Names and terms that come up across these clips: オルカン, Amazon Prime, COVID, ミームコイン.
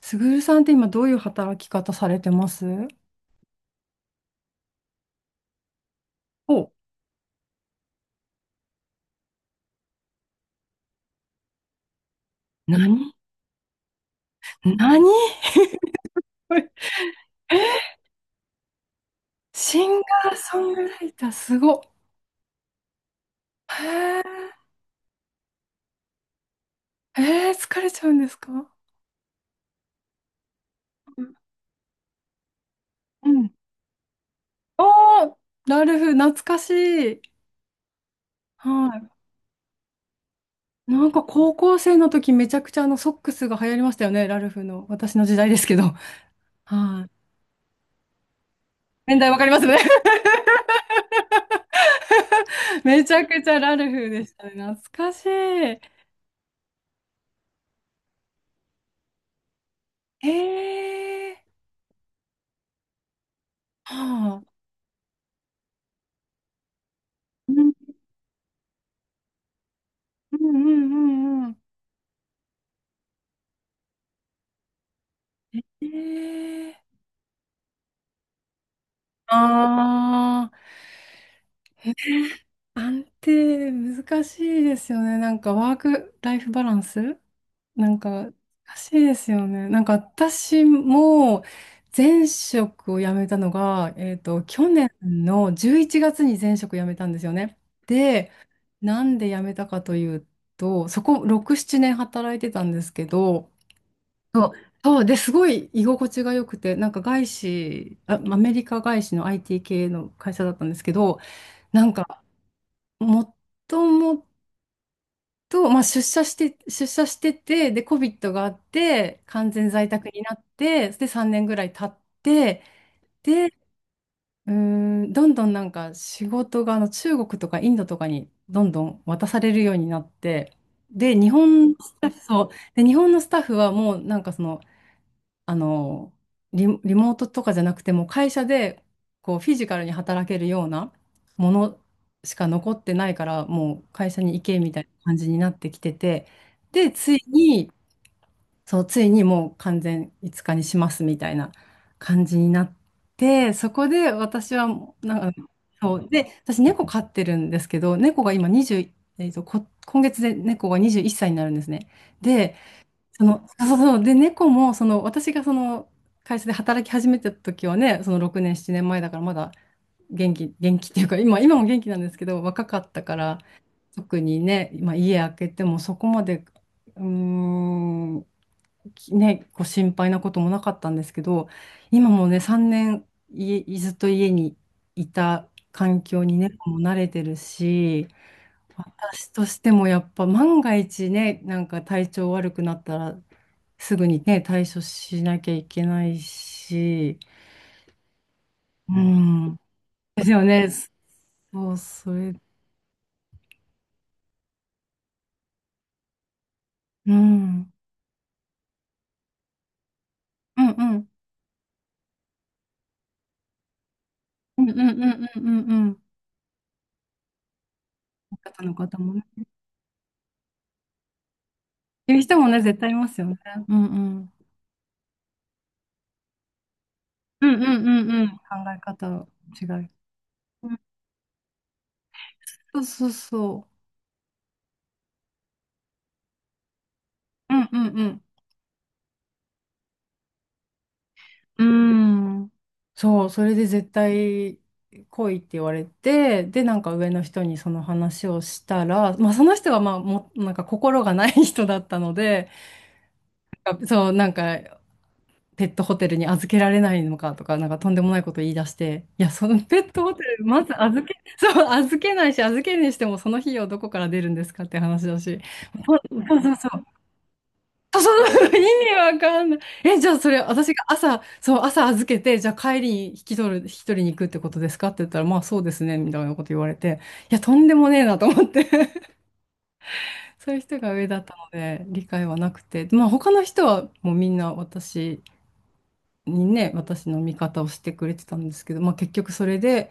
すぐるさんって今どういう働き方されてます？お、何？何？ シンガーソングライター、すごっ。へえ、へえ、疲れちゃうんですか？うん。ああ、ラルフ、懐かしい。はい。なんか高校生の時めちゃくちゃソックスが流行りましたよね、ラルフの。私の時代ですけど。はい。年代わかりますね。めちゃくちゃラルフでしたね。懐かしい。へえ。はあ。うんうんうんうん。ええ。ああ、安定難しいですよね。なんかワークライフバランスなんか難しいですよね。なんか私も前職を辞めたのが、去年の11月に前職辞めたんですよね。で、なんで辞めたかというと、そこ6、7年働いてたんですけど、そう、そうで、すごい居心地が良くて、なんか外資、あ、アメリカ外資の IT 系の会社だったんですけど、なんか、もともと、まあ、出社してて、で、COVID があって、完全在宅になって、で、3年ぐらい経って、うーん、どんどんなんか仕事が中国とかインドとかにどんどん渡されるようになって、で、日本のスタッフ、そうで、日本のスタッフはもうなんかその、あの、リモートとかじゃなくても会社でこうフィジカルに働けるようなものしか残ってないからもう会社に行けみたいな感じになってきてて、でついに、もう完全5日にしますみたいな感じになって、そこで私はもうなんか、そうで私猫飼ってるんですけど、猫が今20、今月で猫が21歳になるんですね。で、その、そうそうそう。で、猫も、その、私がその、会社で働き始めた時はね、その6年、7年前だから、まだ元気、元気っていうか、今も元気なんですけど、若かったから、特にね、今、家開けても、そこまで、うーん、こう心配なこともなかったんですけど、今もね、3年、家、ずっと家にいた環境に猫も慣れてるし、私としてもやっぱ万が一ね、なんか体調悪くなったらすぐにね、対処しなきゃいけないし。うん。ですよね。そう、それ、うん。うんうん。うんうんうんうんうんうん。方の方もね。いう人もね、絶対いますよね。うんうん。うんうんうんうん。考え方の違い。うん、そうそうそう。うんうんうん。うーん。そう、それで絶対来いって言われて、で、なんか上の人にその話をしたら、まあその人はまあも、なんか心がない人だったので、なんかそう、なんかペットホテルに預けられないのかとか、なんかとんでもないこと言い出して、いや、そのペットホテル、まず預け、そう、預けないし、預けるにしてもその費用どこから出るんですかって話だし、そうそうそうそうそう、意味わかんない。え、じゃあそれ、私が朝、そう、朝預けて、じゃあ帰りに引き取りに行くってことですかって言ったら、まあそうですね、みたいなこと言われて、いや、とんでもねえなと思って そういう人が上だったので、理解はなくて、まあ他の人はもうみんな私にね、私の味方をしてくれてたんですけど、まあ結局それで、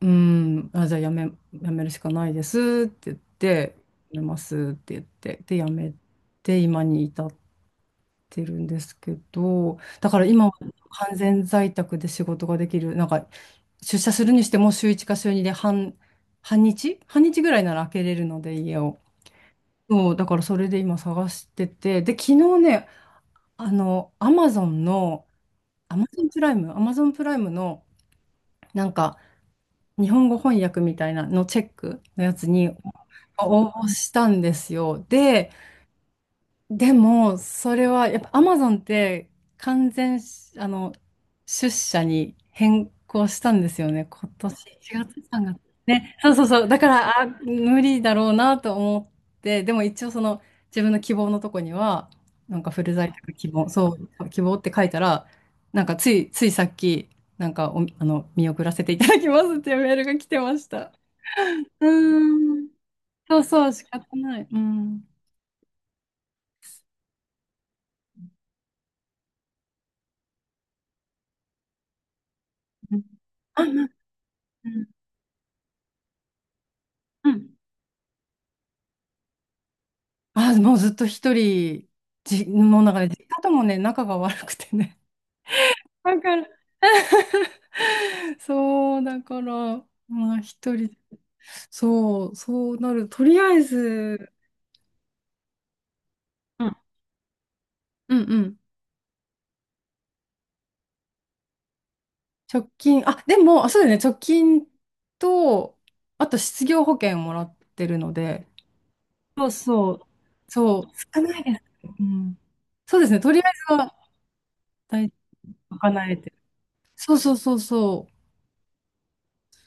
うーん、あ、じゃあやめ、やめるしかないですって言って、やめますって言って、で、やめて、今に至ってるんですけど、だから今は完全在宅で仕事ができる、なんか出社するにしても週1か週2で半日半日ぐらいなら開けれるので家を。そう、だからそれで今探してて、で、昨日ね、アマゾンの、アマゾンプライムの、なんか、日本語翻訳みたいなのチェックのやつに応募したんですよ。で、でも、それは、やっぱアマゾンって完全し、あの、出社に変更したんですよね。今年1月、3月。さんがつね、そうそうそう。だから、あ、無理だろうなと思って、でも一応その自分の希望のとこには、なんかフル在宅希望、そう、希望って書いたら、ついさっき、なんかお、あの、見送らせていただきますっていうメールが来てました。うーん。そうそう、仕方ない。うん。うん、あ、うん。うん。あ、もうずっと一人、もうなんかね、実家ともね、仲が悪くてね。だから、そう、だから、まあ一人、そう、そうなる。とりあえず、うんうんうん。直近、あ、でも、あ、そうだよね、直近と、あと失業保険もらってるので、そうそう。そう、少ないです。うん。そうですね、とりあえずは大丈夫、賄えてる。そうそうそうそう、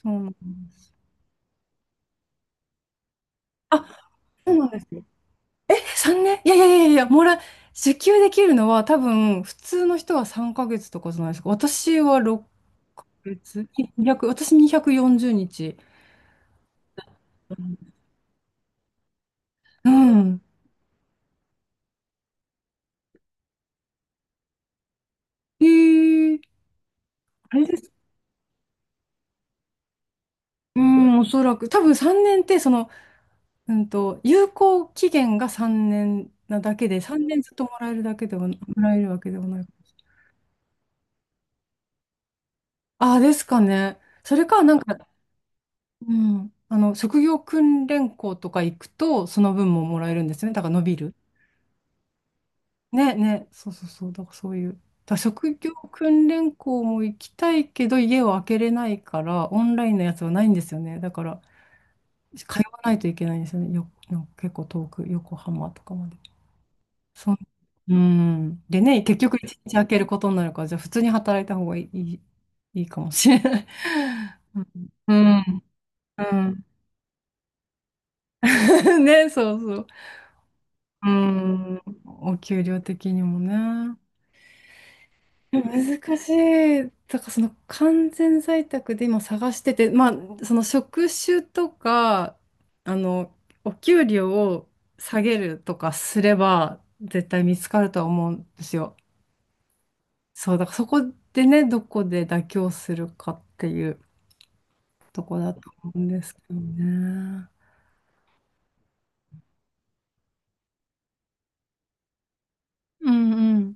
そうなんです。あ、そうなんです。3年、いやいやいやいや、受給できるのは多分、普通の人は3ヶ月とかじゃないですか。私は6ヶ月、200、私240日。うん。えー、あれです。うん、おそらく。多分3年って、その、有効期限が3年なだけで、3年ずっともらえるだけでは、もらえるわけではない。ああ、ですかね。それか、なんか、うん、職業訓練校とか行くと、その分ももらえるんですよね。だから伸びる。ね、そうそうそう、だからそういう。だから職業訓練校も行きたいけど、家を開けれないから、オンラインのやつはないんですよね。だから、通わないといけないんですよね。結構遠く、横浜とかまで。そんうん。でね、結局一日開けることになるから、じゃあ普通に働いた方がいいかもしれない。うん。うん。うん ね、そうそう。うん。お給料的にもね。難しい。だからその完全在宅で今探してて、まあその職種とか、あの、お給料を下げるとかすれば絶対見つかるとは思うんですよ。そう、だからそこでね、どこで妥協するかっていうとこだと思うんですけどね。うんうん。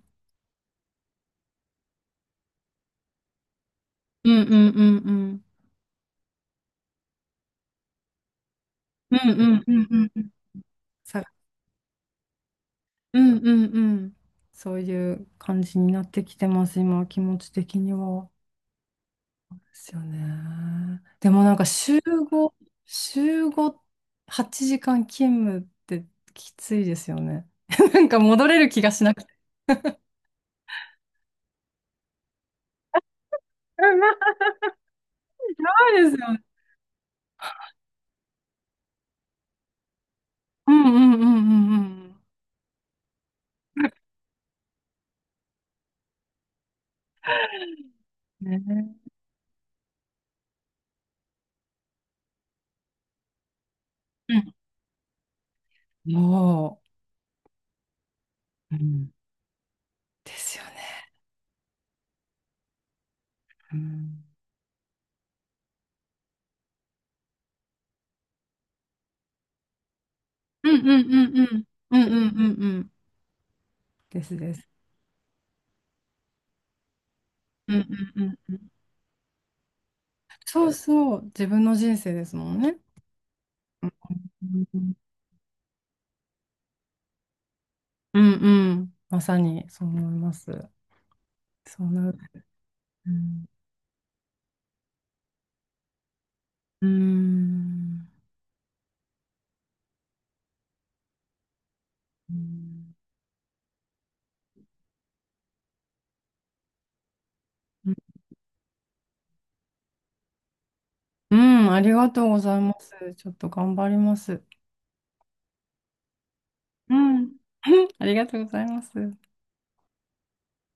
うんうんうんうん。うんうんうんうんうん。さ、うんうんうん。そういう感じになってきてます、今、気持ち的には。ですよね。でもなんか5、週5、8時間勤務ってきついですよね。なんか戻れる気がしなくて。うん、やばいですよね。うんうんうんうんうん。ね。うん、もう、うん、ですよね。うん、うんうんうんうんうんうんうんうん、ですです。うんうんうんうん。そうそう、自分の人生ですもんね。うんうんうん。まさにそう思います。その、うん、うーん。うんうん、ありがとうございます。ちょっと頑張ります。うん。ありがとうございます。